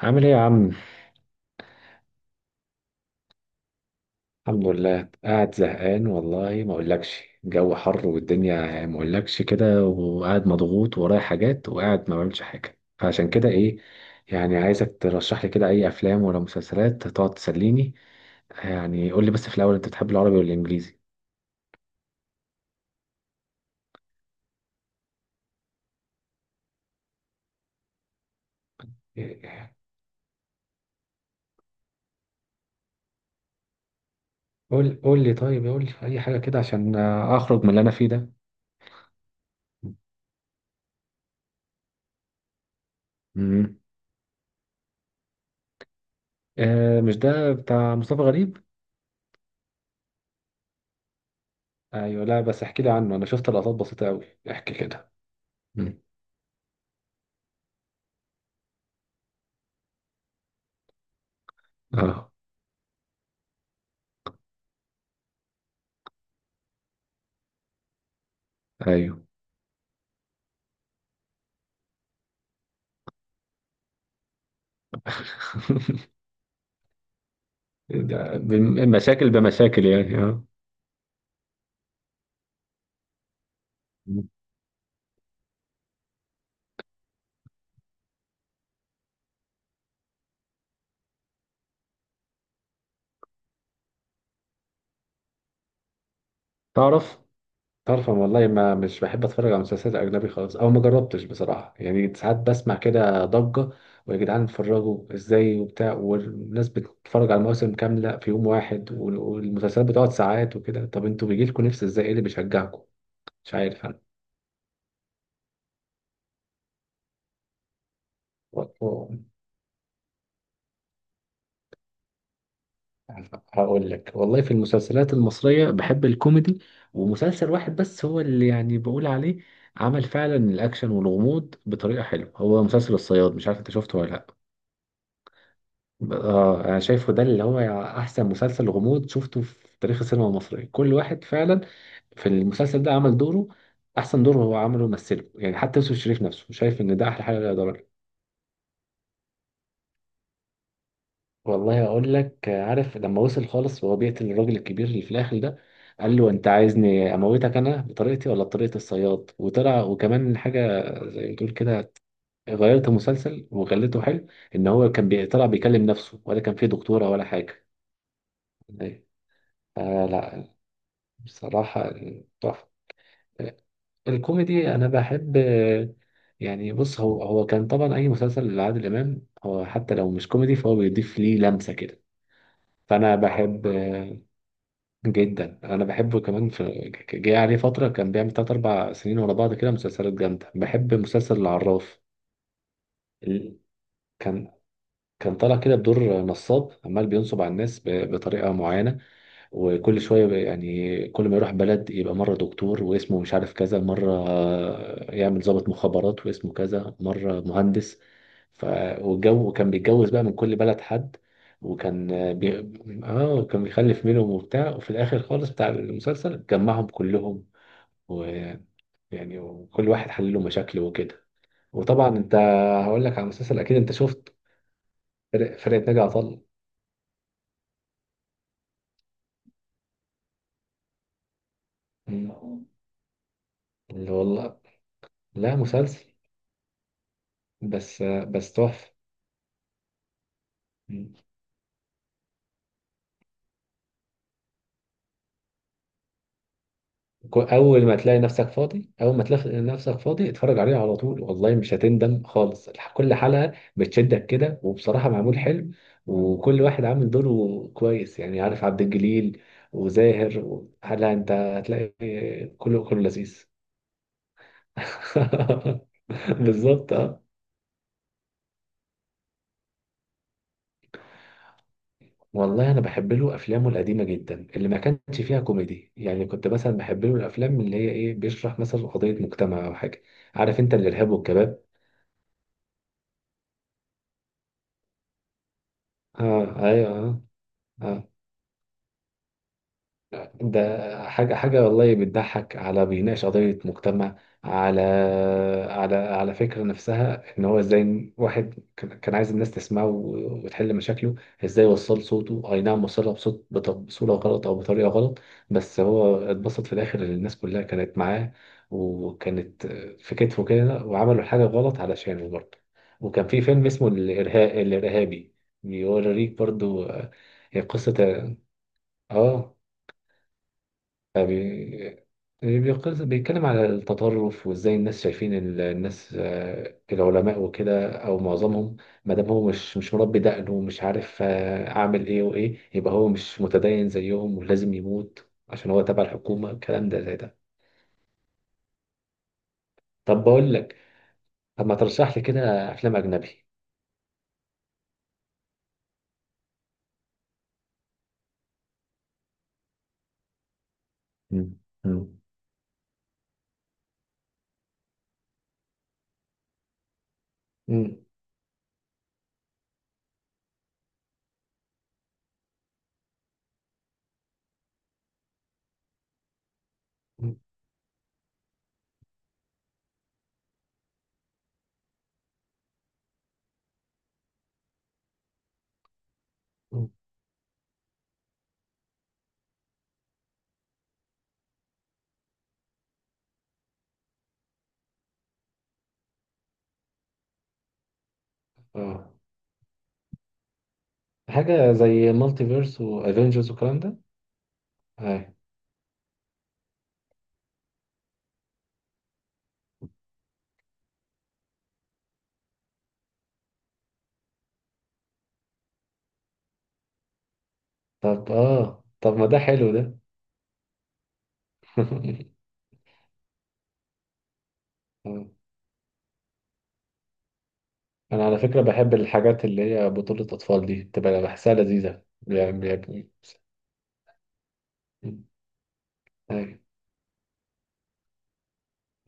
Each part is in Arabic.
عامل ايه يا عم؟ الحمد لله، قاعد زهقان والله، ما اقولكش، الجو حر والدنيا يعني، ما اقولكش كده، وقاعد مضغوط ورايا حاجات، وقاعد ما بعملش حاجه، فعشان كده ايه، يعني عايزك ترشح لي كده اي افلام ولا مسلسلات تقعد تسليني. يعني قول لي بس في الاول، انت بتحب العربي ولا الانجليزي؟ قول قول لي، طيب قول لي اي حاجه كده عشان اخرج من اللي انا فيه ده. امم آه، مش ده بتاع مصطفى غريب؟ ايوه، لا بس احكي لي عنه، انا شفت لقطات بسيطه قوي. احكي كده. اه، ايوه. ده مشاكل بمشاكل يعني، اه. تعرف تعرف أنا والله ما مش بحب اتفرج على مسلسلات اجنبي خالص، او ما جربتش بصراحه، يعني ساعات بسمع كده ضجه، ويا جدعان اتفرجوا ازاي وبتاع، والناس بتتفرج على مواسم كامله في يوم واحد، والمسلسلات بتقعد ساعات وكده، طب انتوا بيجي لكم نفس ازاي؟ ايه اللي بيشجعكم؟ مش عارف. انا هقول لك والله، في المسلسلات المصرية بحب الكوميدي، ومسلسل واحد بس هو اللي يعني بقول عليه عمل فعلا الأكشن والغموض بطريقة حلوة، هو مسلسل الصياد، مش عارف أنت شفته ولا لأ. أنا شايفه ده اللي هو أحسن مسلسل غموض شفته في تاريخ السينما المصرية، كل واحد فعلا في المسلسل ده عمل دوره، أحسن دور هو عمله مثله، يعني حتى يوسف الشريف نفسه شايف إن ده أحلى حاجة يقدر. والله اقول لك، عارف لما وصل خالص وهو بيقتل الراجل الكبير اللي في الاخر ده، قال له انت عايزني اموتك انا بطريقتي ولا بطريقه الصياد؟ وطلع، وكمان حاجه زي ما تقول كده، غيرت المسلسل وخلته حلو، ان هو كان طلع بيكلم نفسه ولا كان فيه دكتوره ولا حاجه. آه لا، بصراحه تحفه. الكوميدي انا بحب، يعني بص، هو هو كان طبعا اي مسلسل لعادل امام، هو حتى لو مش كوميدي فهو بيضيف ليه لمسه كده، فانا بحب جدا، انا بحبه كمان، في جه عليه فتره كان بيعمل تلات اربع سنين ورا بعض كده مسلسلات جامده. بحب مسلسل العراف، ال- كان كان طالع كده بدور نصاب عمال بينصب على الناس بطريقه معينه، يعني كل ما يروح بلد يبقى مرة دكتور واسمه مش عارف كذا، مرة يعمل ضابط مخابرات واسمه كذا، مرة مهندس ف... والجو كان بيتجوز بقى من كل بلد حد، وكان بي... اه كان بيخلف منهم وبتاع، وفي الآخر خالص بتاع المسلسل جمعهم كلهم، ويعني وكل واحد حل له مشاكله وكده. وطبعا انت، هقول لك على مسلسل اكيد انت شفت، فرقة ناجي عطا الله اللي والله، لا مسلسل. بس تحفة. مم. اول ما تلاقي نفسك فاضي، اتفرج عليه على طول، والله مش هتندم خالص. كل حلقة بتشدك كده، وبصراحة معمول حلو، وكل واحد عامل دوره كويس، يعني عارف عبد الجليل وزاهر هلا انت هتلاقي كله كله لذيذ. بالظبط، اه. والله انا بحب له افلامه القديمه جدا اللي ما كانش فيها كوميدي، يعني كنت مثلا بحب له الافلام اللي هي ايه، بيشرح مثلا قضيه مجتمع او حاجه، عارف انت الارهاب والكباب؟ اه، ايوه. آه. آه. ده حاجة حاجة والله، بتضحك، على بيناقش قضية مجتمع، على على فكرة نفسها، إن هو إزاي واحد كان عايز الناس تسمعه وتحل مشاكله، إزاي وصل صوته. أي نعم، وصلها بصوت بصورة غلط، أو بطريقة غلط، بس هو اتبسط في الآخر إن الناس كلها كانت معاه، وكانت في كتفه كده، وعملوا حاجة غلط علشانه برضه. وكان في فيلم اسمه الإرهاب الإرهابي، بيوريك برضه، قصة، اه. فبي- بيتكلم على التطرف، وازاي الناس شايفين الناس، العلماء وكده، او معظمهم، ما دام هو مش مربي دقنه، ومش عارف، اعمل ايه وايه، يبقى هو مش متدين زيهم ولازم يموت عشان هو تبع الحكومة، الكلام ده زي ده. طب بقول لك، طب ما ترشح لي كده افلام اجنبي. مم. مم. مم. مم. مم. اه، حاجة زي مالتي فيرس وافنجرز والكلام ده. آه. طب اه، طب ما ده حلو ده. انا على فكره بحب الحاجات اللي هي بطوله اطفال دي، بتبقى بحسها لذيذه يعني، يعني أيوة.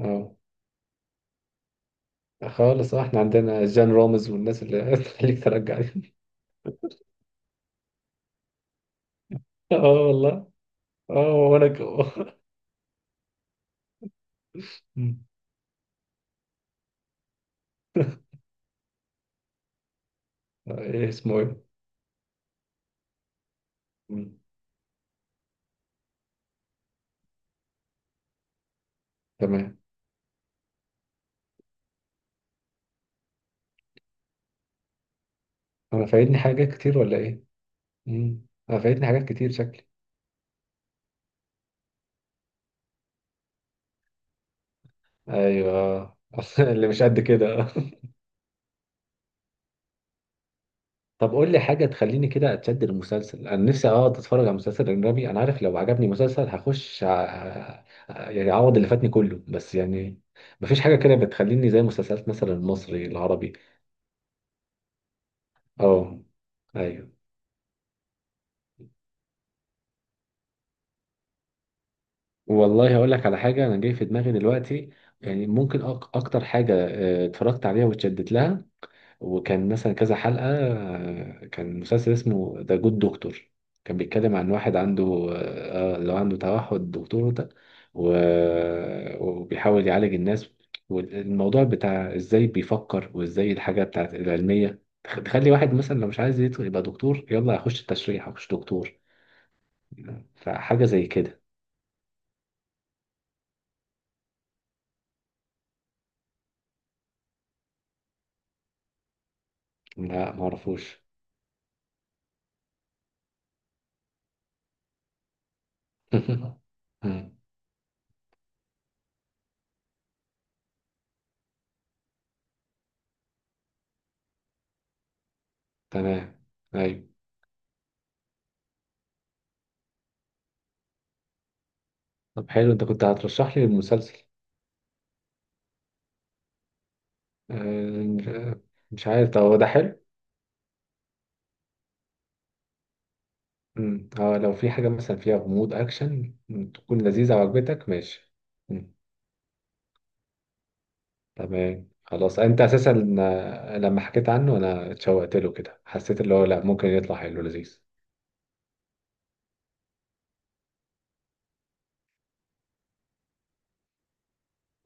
اه، خالص. احنا عندنا جان رامز والناس اللي تخليك ترجع دي. اه والله، اه وانا مم. ايه اسمه؟ ايه؟ مم. تمام. انا فايتني حاجات كتير ولا ايه؟ مم. انا فايتني حاجات كتير شكلي. ايوه، اللي مش قد كده. طب قول لي حاجة تخليني كده أتشد المسلسل، أنا نفسي أقعد أتفرج على مسلسل أجنبي، أنا عارف لو عجبني مسلسل هخش يعني أعوض اللي فاتني كله، بس يعني مفيش حاجة كده بتخليني زي مسلسلات مثلا المصري، العربي. أه، أيوه. والله هقول لك على حاجة أنا جاي في دماغي دلوقتي، يعني ممكن أكتر حاجة، اتفرجت عليها واتشدت لها، وكان مثلا كذا حلقة، كان مسلسل اسمه ذا جود دكتور، كان بيتكلم عن واحد عنده اللي هو عنده توحد، دكتور ده، وبيحاول يعالج الناس، والموضوع بتاع ازاي بيفكر، وازاي الحاجة بتاعت العلمية تخلي واحد مثلا لو مش عايز يدخل يبقى دكتور، يلا هخش التشريح، هخش دكتور، فحاجة زي كده. لا معرفوش. مم، تمام، ايوه. طب حلو، انت كنت هترشح لي المسلسل. آه، مش عارف هو ده حلو. مم. اه، لو في حاجة مثلا فيها غموض، أكشن، تكون لذيذة وعجبتك، ماشي. مم. تمام خلاص، أنت أساسا، لما حكيت عنه أنا اتشوقت له كده، حسيت اللي هو لأ ممكن يطلع حلو لذيذ.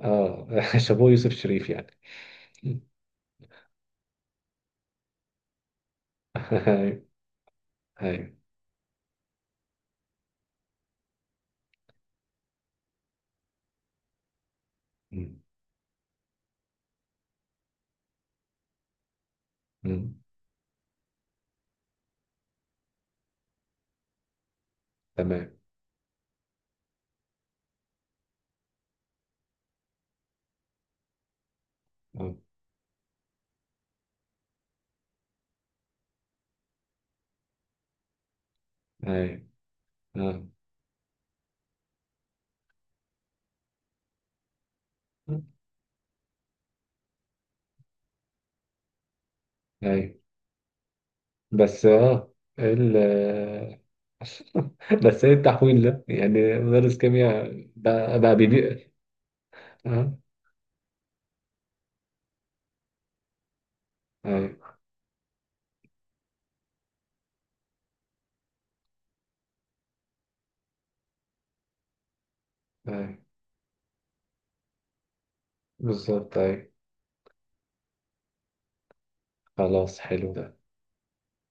اه، شابوه يوسف شريف يعني. مم. أيوه، أيوه. مم. مم. تمام. اه، أيوه. اه، أيوه بس اه، ال بس ايه التحويل ده؟ يعني مدرس كيمياء بقى بيبيع. اه، ايوه، ايوه. بالظبط، ايوه، خلاص حلو ده.